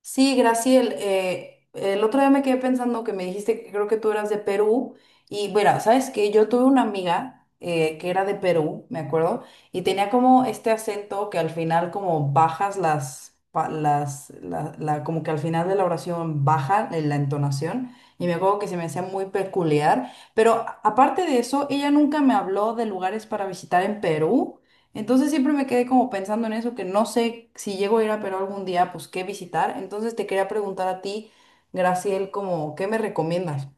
Sí, Graciel, el otro día me quedé pensando que me dijiste que creo que tú eras de Perú y bueno, sabes que yo tuve una amiga que era de Perú, me acuerdo, y tenía como este acento que al final como bajas las, pa- las, la- como que al final de la oración baja en la entonación y me acuerdo que se me hacía muy peculiar, pero aparte de eso, ella nunca me habló de lugares para visitar en Perú. Entonces siempre me quedé como pensando en eso, que no sé si llego a ir a Perú algún día, pues qué visitar. Entonces te quería preguntar a ti, Graciel, como, ¿qué me recomiendas?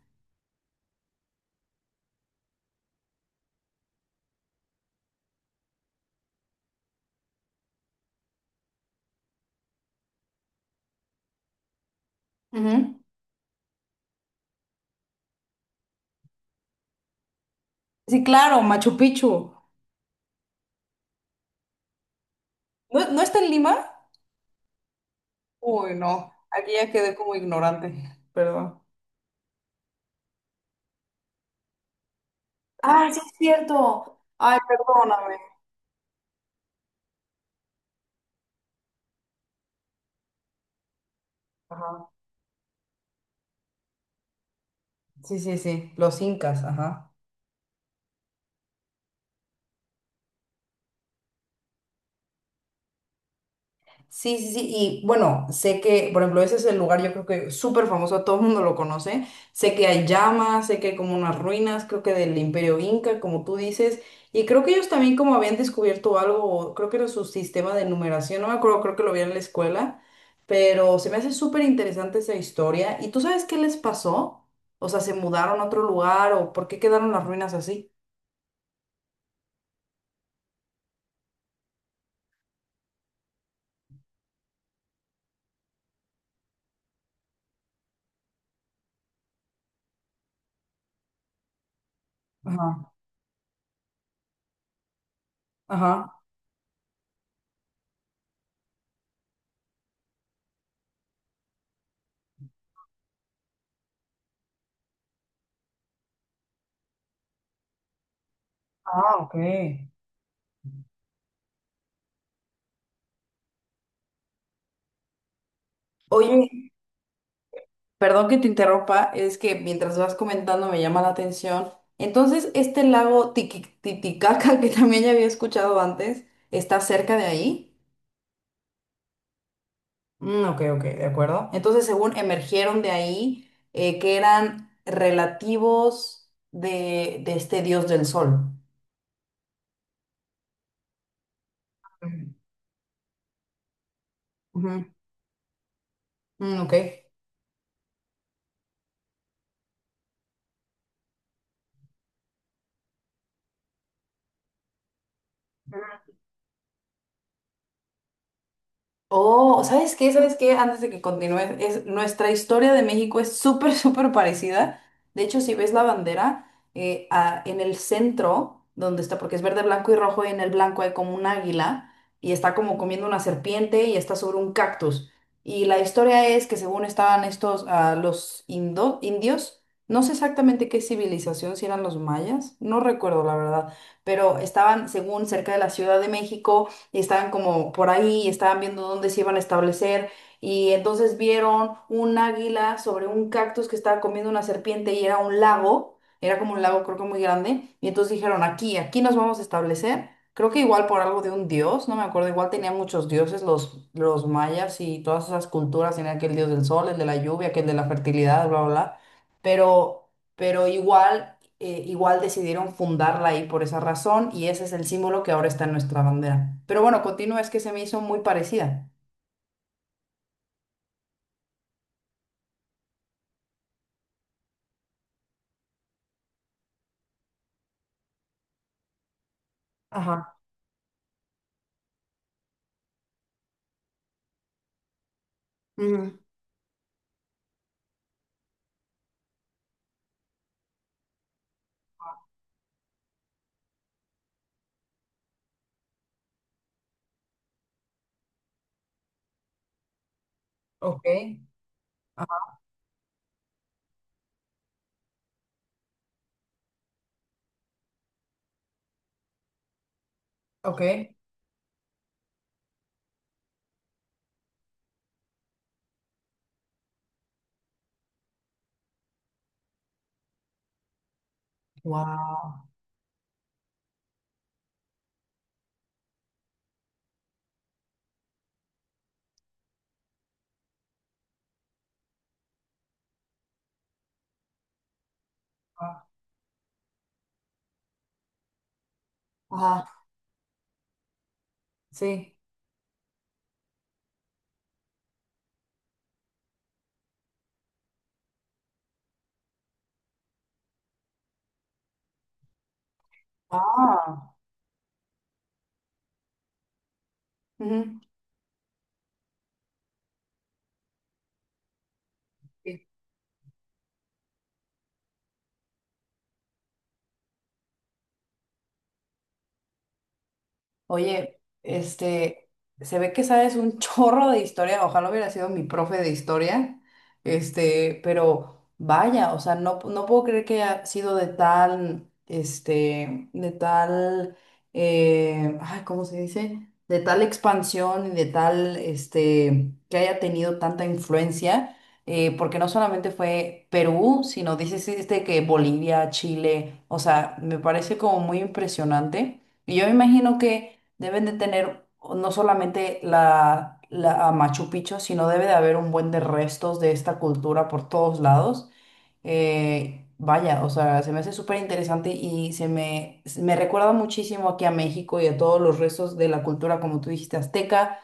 Ujú. Sí, claro, Machu Picchu. ¿No, no está en Lima? Uy, no, aquí ya quedé como ignorante, perdón. Ah, sí es cierto. Ay, perdóname. Ajá. Sí, sí, sí, los incas, ajá. Sí, sí, sí, y bueno, sé que, por ejemplo, ese es el lugar, yo creo que súper famoso, todo el mundo lo conoce, sé que hay llamas, sé que hay como unas ruinas, creo que del Imperio Inca, como tú dices, y creo que ellos también como habían descubierto algo, o creo que era su sistema de numeración, no me acuerdo, creo que lo vi en la escuela, pero se me hace súper interesante esa historia, ¿y tú sabes qué les pasó? O sea, ¿se mudaron a otro lugar o por qué quedaron las ruinas así? Ajá, ajá. Ah, ok. Oye. Perdón que te interrumpa, es que mientras vas comentando me llama la atención. Entonces, este lago Titicaca, que también ya había escuchado antes, está cerca de ahí. Mm, ok, ok, de acuerdo. Entonces, según emergieron de ahí, que eran relativos de este dios del sol. Ujú, mm, ok. Oh, ¿sabes qué? ¿Sabes qué? Antes de que continúe, es, nuestra historia de México es súper, súper parecida. De hecho, si ves la bandera, en el centro, donde está, porque es verde, blanco y rojo, y en el blanco hay como un águila, y está como comiendo una serpiente y está sobre un cactus. Y la historia es que según estaban estos, ah, los indios, no sé exactamente qué civilización, si eran los mayas, no recuerdo la verdad, pero estaban según cerca de la Ciudad de México y estaban como por ahí y estaban viendo dónde se iban a establecer y entonces vieron un águila sobre un cactus que estaba comiendo una serpiente y era un lago, era como un lago creo que muy grande y entonces dijeron aquí, aquí nos vamos a establecer. Creo que igual por algo de un dios, no me acuerdo, igual tenían muchos dioses los mayas y todas esas culturas, tenían aquel dios del sol, el de la lluvia, aquel de la fertilidad, bla, bla, bla. Pero, pero igual igual decidieron fundarla ahí por esa razón y ese es el símbolo que ahora está en nuestra bandera. Pero bueno, continúa, es que se me hizo muy parecida. Ajá. Ujú. Ok. Ajá. Ok. Wow. Ajá. Sí. Ah. Ujú. Oye, este, se ve que sabes un chorro de historia, ojalá hubiera sido mi profe de historia, este, pero vaya, o sea, no, no puedo creer que haya sido de tal, este, de tal, ay, ¿cómo se dice? De tal expansión y de tal, este, que haya tenido tanta influencia, porque no solamente fue Perú, sino dices este que Bolivia, Chile, o sea, me parece como muy impresionante. Y yo me imagino que deben de tener no solamente la a Machu Picchu, sino debe de haber un buen de restos de esta cultura por todos lados. Vaya, o sea, se me hace súper interesante y me recuerda muchísimo aquí a México y a todos los restos de la cultura, como tú dijiste, azteca.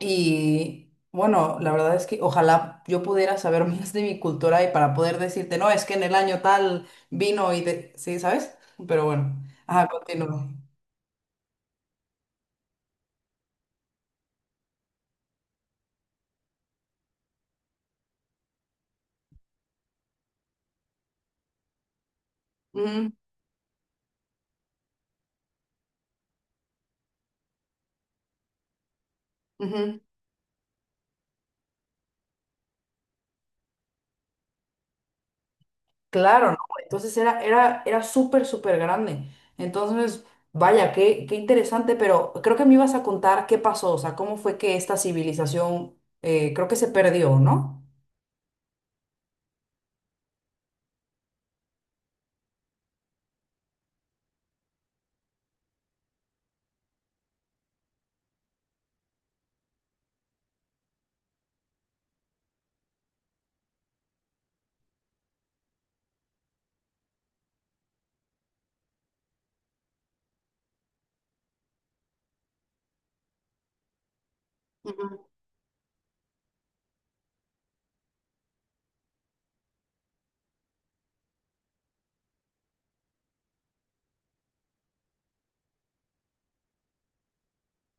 Y bueno, la verdad es que ojalá yo pudiera saber más de mi cultura y para poder decirte, no, es que en el año tal vino y de... Sí, ¿sabes? Pero bueno, ajá, continúo. Ujú, ujú. Claro, ¿no? Entonces era, era, era súper, súper grande. Entonces, vaya, qué, qué interesante, pero creo que me ibas a contar qué pasó, o sea, cómo fue que esta civilización, creo que se perdió, ¿no? Ujú.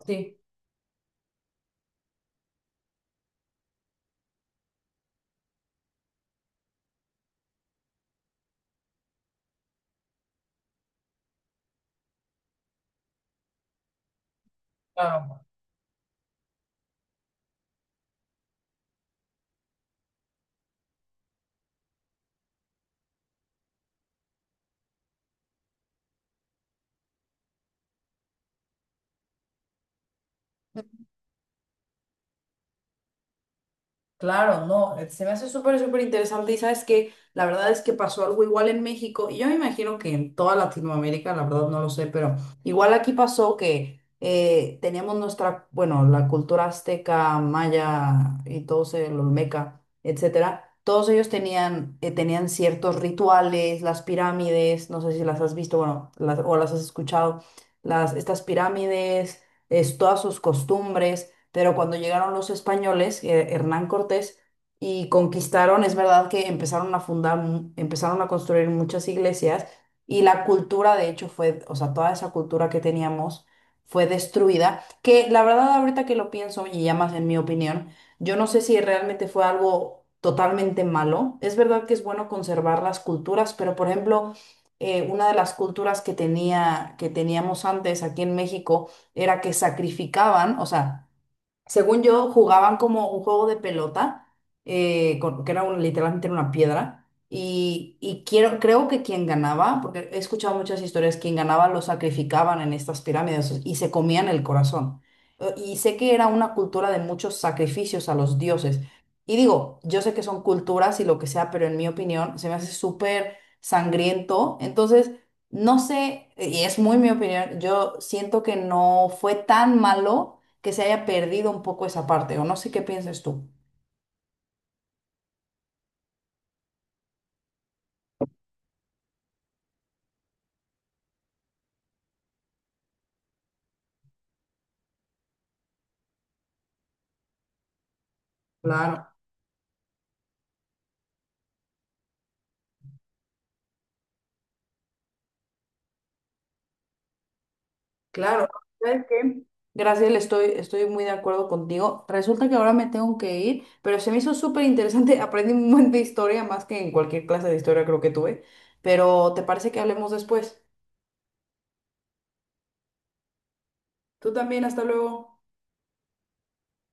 Sí, claro. Claro, no, se me hace súper, súper interesante y sabes que la verdad es que pasó algo igual en México y yo me imagino que en toda Latinoamérica, la verdad no lo sé, pero igual aquí pasó que teníamos nuestra, bueno, la cultura azteca, maya y todos el olmeca, etcétera, todos ellos tenían, tenían ciertos rituales, las pirámides, no sé si las has visto, bueno, las, o las has escuchado, las, estas pirámides, es, todas sus costumbres pero cuando llegaron los españoles, Hernán Cortés, y conquistaron, es verdad que empezaron a fundar, empezaron a construir muchas iglesias y la cultura, de hecho, fue, o sea, toda esa cultura que teníamos fue destruida, que la verdad ahorita que lo pienso y ya más en mi opinión, yo no sé si realmente fue algo totalmente malo. Es verdad que es bueno conservar las culturas, pero por ejemplo, una de las culturas que tenía, que teníamos antes aquí en México era que sacrificaban, o sea, según yo, jugaban como un juego de pelota, que era literalmente era una piedra. Y quiero, creo que quien ganaba, porque he escuchado muchas historias, quien ganaba lo sacrificaban en estas pirámides y se comían el corazón. Y sé que era una cultura de muchos sacrificios a los dioses. Y digo, yo sé que son culturas y lo que sea, pero en mi opinión se me hace súper sangriento. Entonces, no sé, y es muy mi opinión, yo siento que no fue tan malo que se haya perdido un poco esa parte, o no sé qué pienses tú. Claro, claro. ¿Sabes qué? Gracias, estoy, estoy muy de acuerdo contigo. Resulta que ahora me tengo que ir, pero se me hizo súper interesante. Aprendí un montón de historia, más que en cualquier clase de historia creo que tuve. Pero ¿te parece que hablemos después? Tú también, hasta luego.